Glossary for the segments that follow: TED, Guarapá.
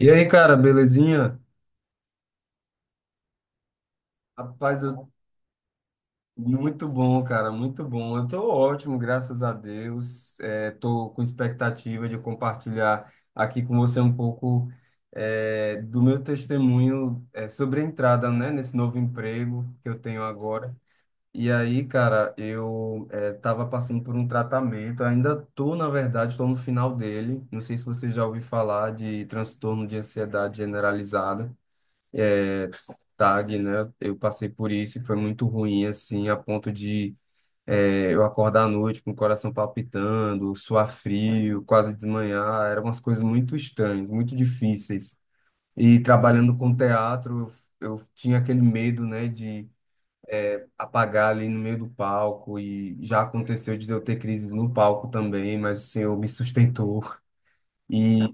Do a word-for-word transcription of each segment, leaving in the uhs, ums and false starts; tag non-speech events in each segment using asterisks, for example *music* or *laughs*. E aí, cara, belezinha? Rapaz, eu- muito bom, cara, muito bom. Eu tô ótimo, graças a Deus. É, tô com expectativa de compartilhar aqui com você um pouco é, do meu testemunho, é, sobre a entrada, né, nesse novo emprego que eu tenho agora. E aí, cara, eu é, tava passando por um tratamento, ainda tô, na verdade, tô no final dele. Não sei se você já ouviu falar de transtorno de ansiedade generalizada. Tarde, né? Eu passei por isso e foi muito ruim, assim, a ponto de eh, eu acordar à noite com o coração palpitando, suar frio, quase desmanhar. Eram umas coisas muito estranhas, muito difíceis. E trabalhando com teatro, eu, eu tinha aquele medo, né, de eh, apagar ali no meio do palco. E já aconteceu de eu ter crises no palco também, mas o Senhor me sustentou. E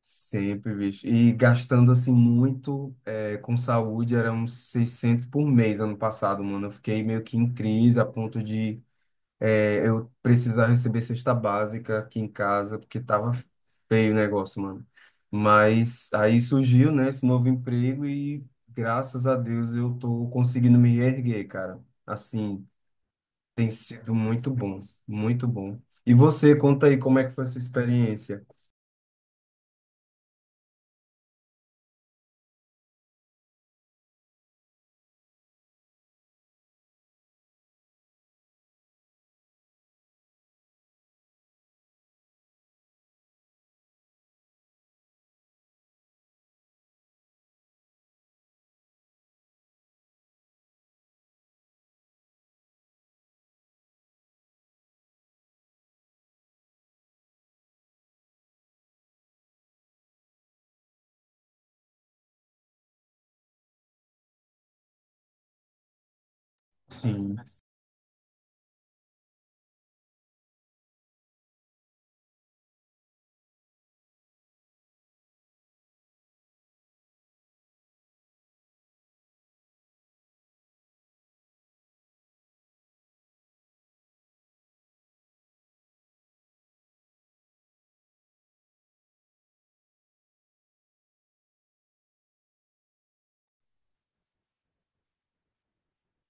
sempre, bicho. E gastando assim muito, é, com saúde, eram seiscentos por mês ano passado, mano. Eu fiquei meio que em crise a ponto de é, eu precisar receber cesta básica aqui em casa, porque tava feio o negócio, mano. Mas aí surgiu, né, esse novo emprego e graças a Deus eu tô conseguindo me erguer, cara. Assim, tem sido muito bom, muito bom. E você, conta aí como é que foi a sua experiência?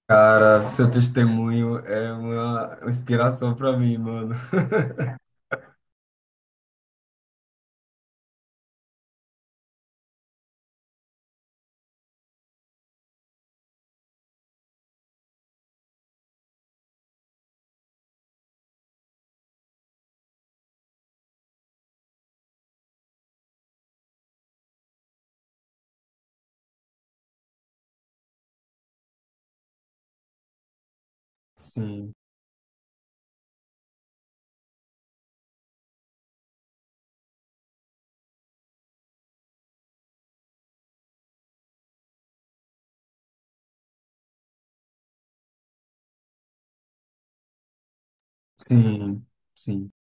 Cara, seu testemunho é uma inspiração pra mim, mano. *laughs* Sim, sim, sim.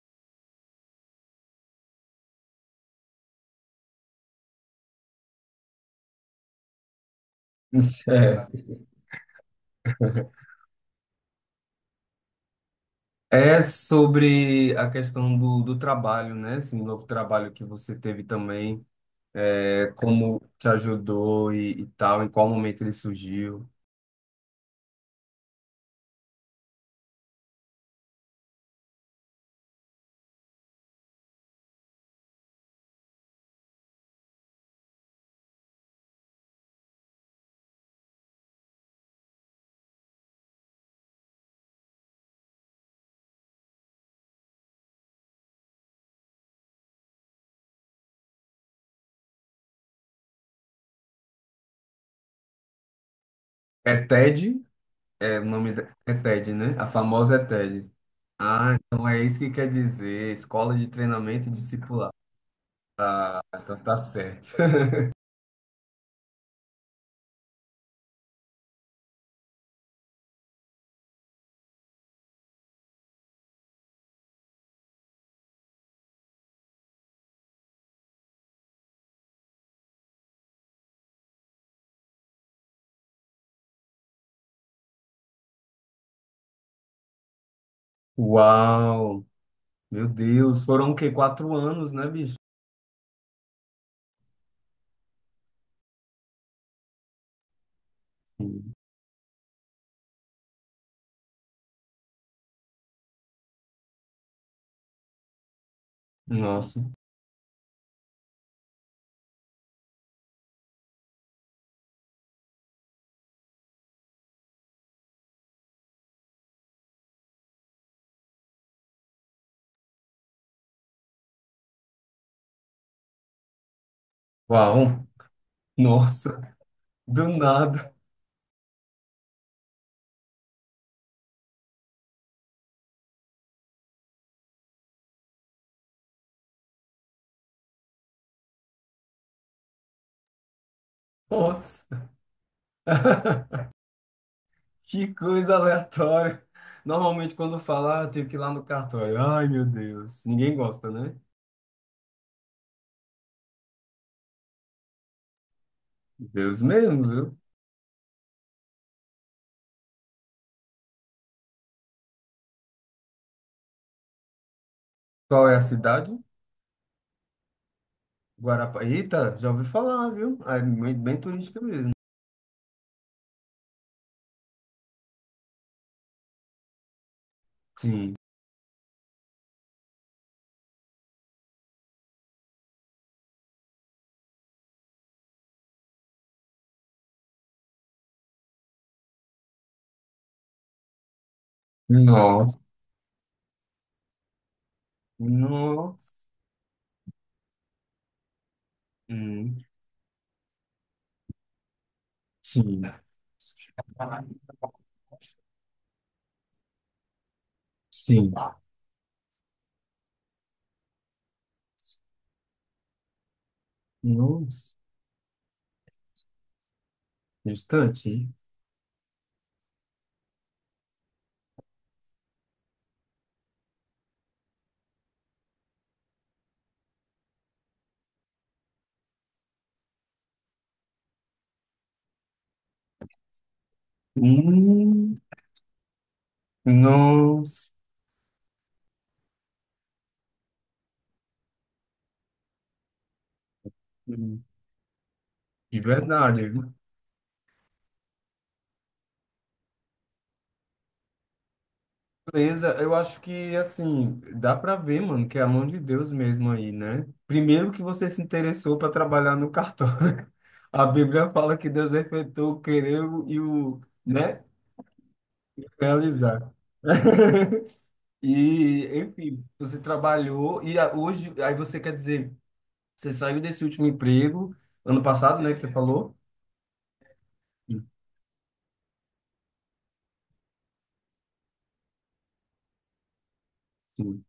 *laughs* É, é sobre a questão do, do trabalho, né? Esse novo trabalho que você teve também, é, como te ajudou e, e tal, em qual momento ele surgiu. É TED? É, o nome da- é TED, né? A famosa é TED. Ah, então é isso que quer dizer, Escola de Treinamento Discipular. Ah, então tá certo. Uau! Meu Deus, foram o quê? Quatro anos, né, bicho? Sim. Nossa. Uau! Nossa, do nada. Nossa. *laughs* Que coisa aleatória. Normalmente quando fala, ah, eu tenho que ir lá no cartório. Ai, meu Deus. Ninguém gosta, né? Deus mesmo, viu? Qual é a cidade? Guarapá. Eita, já ouvi falar, viu? Ah, é bem, bem turística mesmo. Sim. Nossa. Nossa. Hum. Sim. Sim. Nossa. Distante. Hum, nossa, de verdade. Beleza, eu acho que assim, dá pra ver, mano, que é a mão de Deus mesmo aí, né? Primeiro que você se interessou para trabalhar no cartório. *laughs* A Bíblia fala que Deus efetuou o querer e o, né, realizar. *laughs* E, enfim, você trabalhou e a- hoje, aí você quer dizer, você saiu desse último emprego ano passado, né, que você falou? Sim.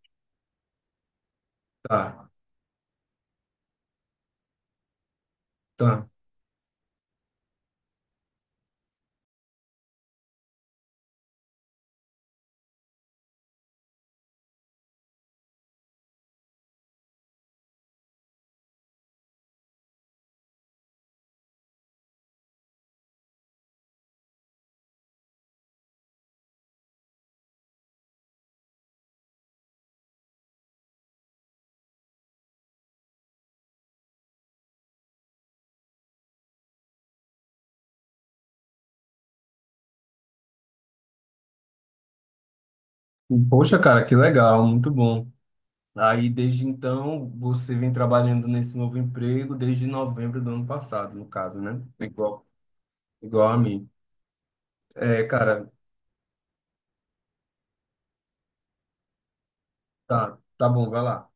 Tá, tá. Poxa, cara, que legal, muito bom. Aí, desde então, você vem trabalhando nesse novo emprego desde novembro do ano passado, no caso, né? Igual, igual a mim. É, cara, tá, tá bom, vai lá.